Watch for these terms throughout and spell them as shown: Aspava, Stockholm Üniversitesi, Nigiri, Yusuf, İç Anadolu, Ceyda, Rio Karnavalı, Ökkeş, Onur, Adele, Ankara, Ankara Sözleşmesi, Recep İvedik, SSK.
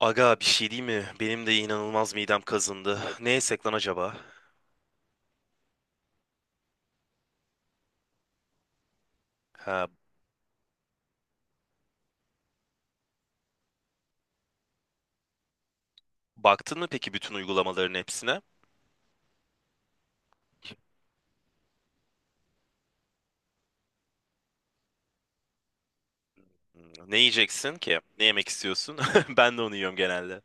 Aga bir şey değil mi? Benim de inanılmaz midem kazındı. Ne yesek lan acaba? Ha, baktın mı peki bütün uygulamaların hepsine? Hmm, ne yiyeceksin ki? Ne yemek istiyorsun? Ben de onu yiyorum genelde.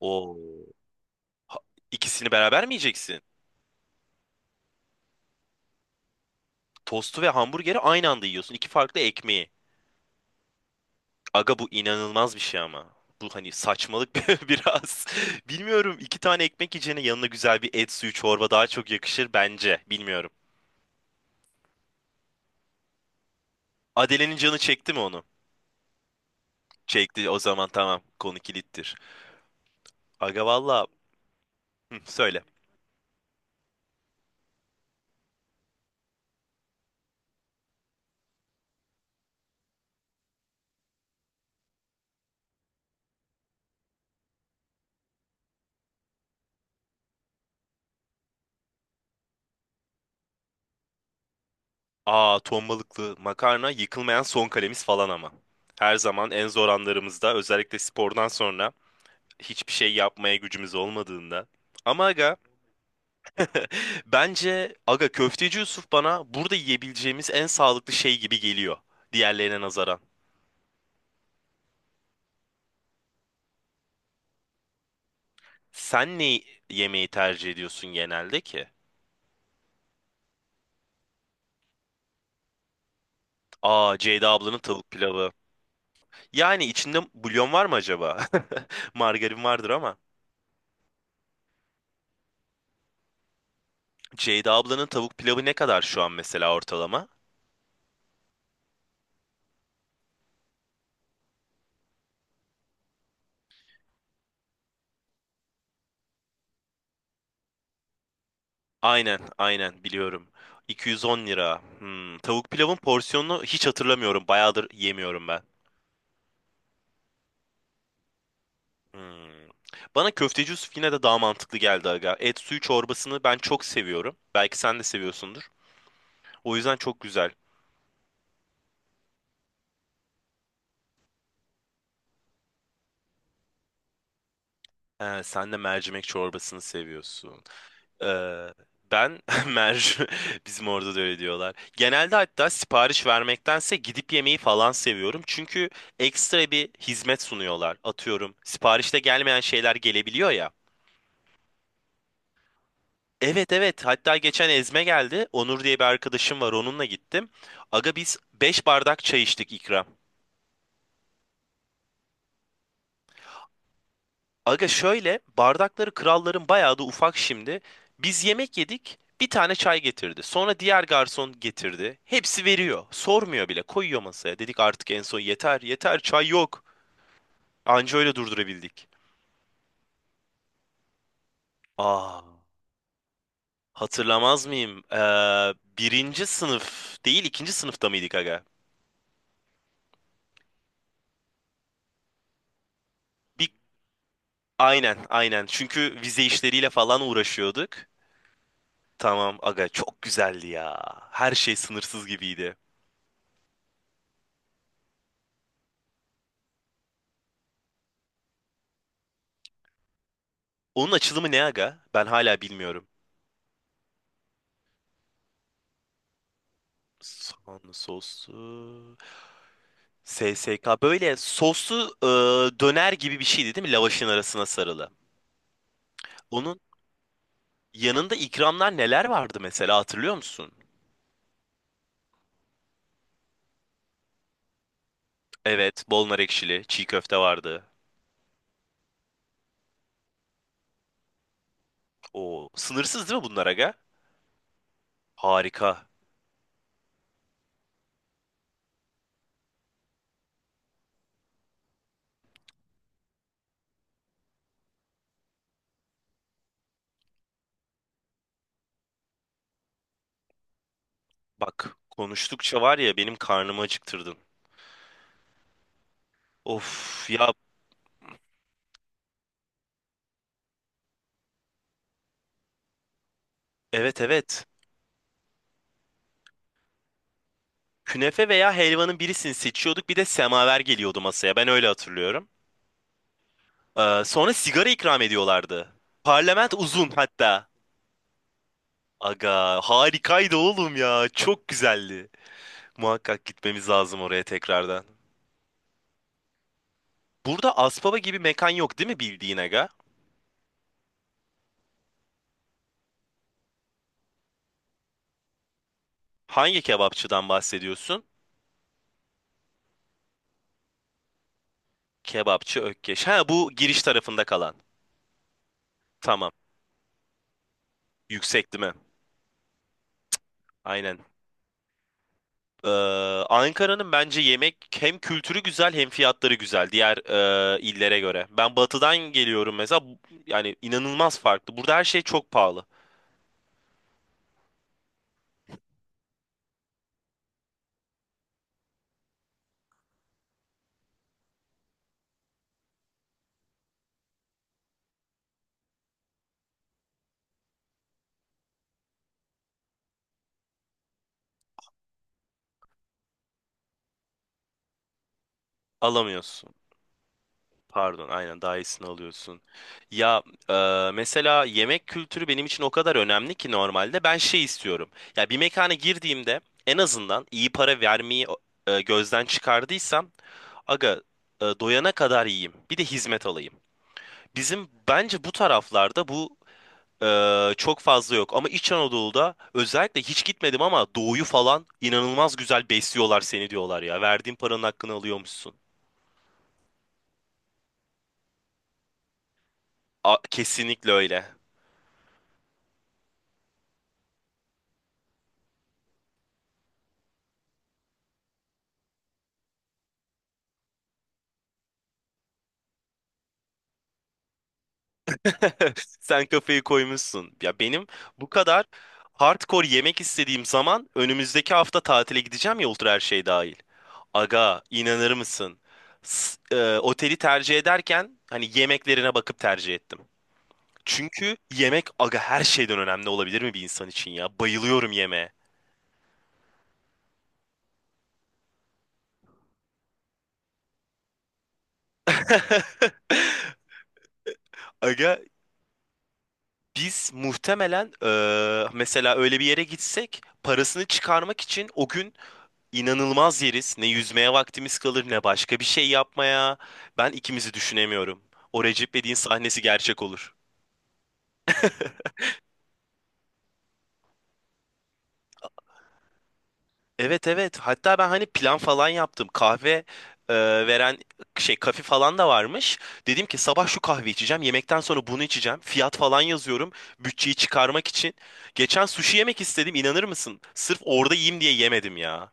O ikisini beraber mi yiyeceksin? Tostu ve hamburgeri aynı anda yiyorsun. İki farklı ekmeği. Aga bu inanılmaz bir şey ama. Bu hani saçmalık biraz. Bilmiyorum iki tane ekmek yiyeceğine yanına güzel bir et suyu çorba daha çok yakışır bence. Bilmiyorum. Adele'nin canı çekti mi onu? Çekti o zaman tamam, konu kilittir. Aga valla, hı, söyle. Aa, ton balıklı makarna yıkılmayan son kalemiz falan ama. Her zaman en zor anlarımızda, özellikle spordan sonra hiçbir şey yapmaya gücümüz olmadığında. Ama aga, bence aga köfteci Yusuf bana burada yiyebileceğimiz en sağlıklı şey gibi geliyor. Diğerlerine nazaran. Sen ne yemeği tercih ediyorsun genelde ki? Aa, Ceyda ablanın tavuk pilavı. Yani içinde bulyon var mı acaba? Margarin vardır ama. Ceyda ablanın tavuk pilavı ne kadar şu an mesela ortalama? Aynen, aynen biliyorum. 210 lira. Hmm, tavuk pilavın porsiyonunu hiç hatırlamıyorum. Bayağıdır yemiyorum ben. Hmm. Bana köfteci Yusuf yine de daha mantıklı geldi aga. Et suyu çorbasını ben çok seviyorum. Belki sen de seviyorsundur. O yüzden çok güzel. He, sen de mercimek çorbasını seviyorsun. Ee, Ben mercu bizim orada da öyle diyorlar. Genelde hatta sipariş vermektense gidip yemeği falan seviyorum. Çünkü ekstra bir hizmet sunuyorlar. Atıyorum, siparişte gelmeyen şeyler gelebiliyor ya. Evet, evet, hatta geçen ezme geldi. Onur diye bir arkadaşım var, onunla gittim. Aga biz 5 bardak çay içtik ikram. Aga şöyle bardakları kralların bayağı da ufak şimdi. Biz yemek yedik, bir tane çay getirdi. Sonra diğer garson getirdi. Hepsi veriyor. Sormuyor bile, koyuyor masaya. Dedik artık en son, yeter yeter çay yok. Anca öyle durdurabildik. Aa, hatırlamaz mıyım? Birinci sınıf değil, ikinci sınıfta mıydık aga? Bir, aynen aynen çünkü vize işleriyle falan uğraşıyorduk. Tamam aga, çok güzeldi ya. Her şey sınırsız gibiydi. Onun açılımı ne aga? Ben hala bilmiyorum. Soğanlı soslu. SSK böyle soslu döner gibi bir şeydi değil mi? Lavaşın arasına sarılı. Onun yanında ikramlar neler vardı mesela, hatırlıyor musun? Evet, bol nar ekşili, çiğ köfte vardı. O sınırsız değil mi bunlar aga? Harika. Bak, konuştukça var ya, benim karnımı acıktırdın. Of ya, evet, evet. Künefe veya helvanın birisini seçiyorduk, bir de semaver geliyordu masaya, ben öyle hatırlıyorum. Sonra sigara ikram ediyorlardı. Parlament uzun hatta. Aga harikaydı oğlum ya. Çok güzeldi. Muhakkak gitmemiz lazım oraya tekrardan. Burada Aspava gibi mekan yok değil mi bildiğin aga? Hangi kebapçıdan bahsediyorsun? Kebapçı Ökkeş. Ha, bu giriş tarafında kalan. Tamam. Yüksek değil mi? Aynen. Ee, Ankara'nın bence yemek hem kültürü güzel hem fiyatları güzel, diğer illere göre. Ben batıdan geliyorum mesela. Yani inanılmaz farklı. Burada her şey çok pahalı. Alamıyorsun. Pardon, aynen, daha iyisini alıyorsun. Ya, e, mesela yemek kültürü benim için o kadar önemli ki, normalde ben şey istiyorum. Ya bir mekana girdiğimde en azından iyi para vermeyi gözden çıkardıysam aga, doyana kadar yiyeyim. Bir de hizmet alayım. Bizim bence bu taraflarda bu e, çok fazla yok. Ama İç Anadolu'da, özellikle hiç gitmedim ama, doğuyu falan inanılmaz güzel besliyorlar seni diyorlar ya. Verdiğin paranın hakkını alıyormuşsun. A, kesinlikle öyle. Sen kafayı koymuşsun. Ya benim bu kadar hardcore yemek istediğim zaman, önümüzdeki hafta tatile gideceğim ya, ultra her şey dahil. Aga, inanır mısın? Oteli tercih ederken hani yemeklerine bakıp tercih ettim. Çünkü yemek aga her şeyden önemli olabilir mi bir insan için ya? Bayılıyorum yemeğe. Aga biz muhtemelen mesela öyle bir yere gitsek parasını çıkarmak için o gün İnanılmaz yeriz. Ne yüzmeye vaktimiz kalır, ne başka bir şey yapmaya. Ben ikimizi düşünemiyorum. O Recep İvedik'in sahnesi gerçek olur. Evet, evet. Hatta ben hani plan falan yaptım. Kahve e, veren şey kafe falan da varmış. Dedim ki sabah şu kahve içeceğim. Yemekten sonra bunu içeceğim. Fiyat falan yazıyorum. Bütçeyi çıkarmak için. Geçen sushi yemek istedim. İnanır mısın? Sırf orada yiyeyim diye yemedim ya.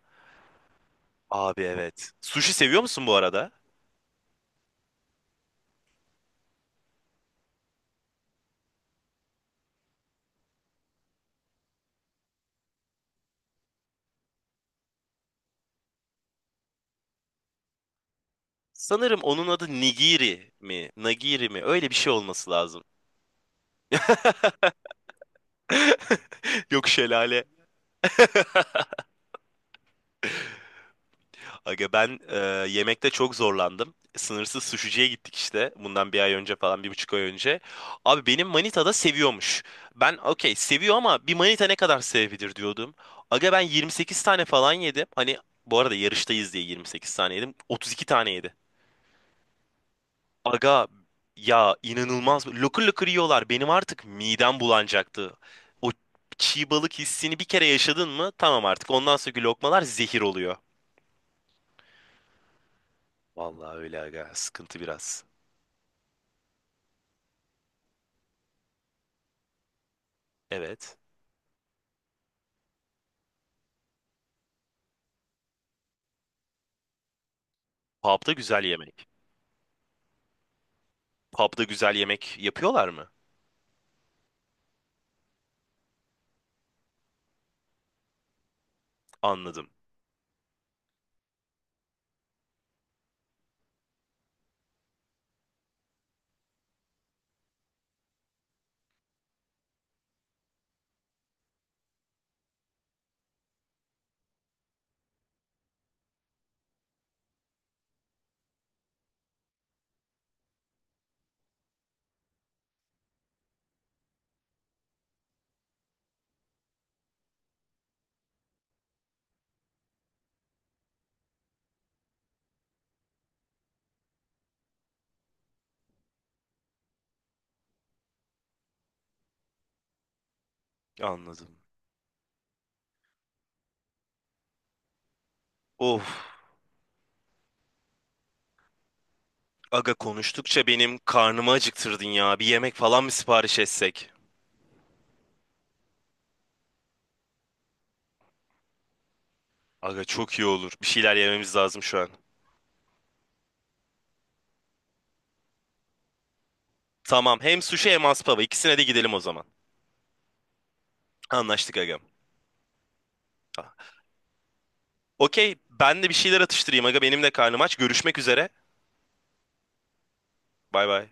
Abi evet. Sushi seviyor musun bu arada? Sanırım onun adı Nigiri mi? Nagiri mi? Öyle bir şey olması lazım. Yok, şelale. Aga ben yemekte çok zorlandım. Sınırsız suşiciye gittik işte. Bundan bir ay önce falan, bir buçuk ay önce. Abi benim manita da seviyormuş. Ben okey seviyor ama bir manita ne kadar sevebilir diyordum. Aga ben 28 tane falan yedim. Hani bu arada yarıştayız diye 28 tane yedim. 32 tane yedi. Aga ya, inanılmaz. Lokur lokur yiyorlar. Benim artık midem bulanacaktı. O çiğ balık hissini bir kere yaşadın mı? Tamam artık. Ondan sonraki lokmalar zehir oluyor. Vallahi öyle aga. Sıkıntı biraz. Evet. Pub'da güzel yemek. Pub'da güzel yemek yapıyorlar mı? Anladım. Anladım. Of. Aga, konuştukça benim karnımı acıktırdın ya. Bir yemek falan mı sipariş etsek? Aga çok iyi olur. Bir şeyler yememiz lazım şu an. Tamam. Hem sushi hem aspava. İkisine de gidelim o zaman. Anlaştık agam. Okey, ben de bir şeyler atıştırayım aga, benim de karnım aç. Görüşmek üzere. Bay bay.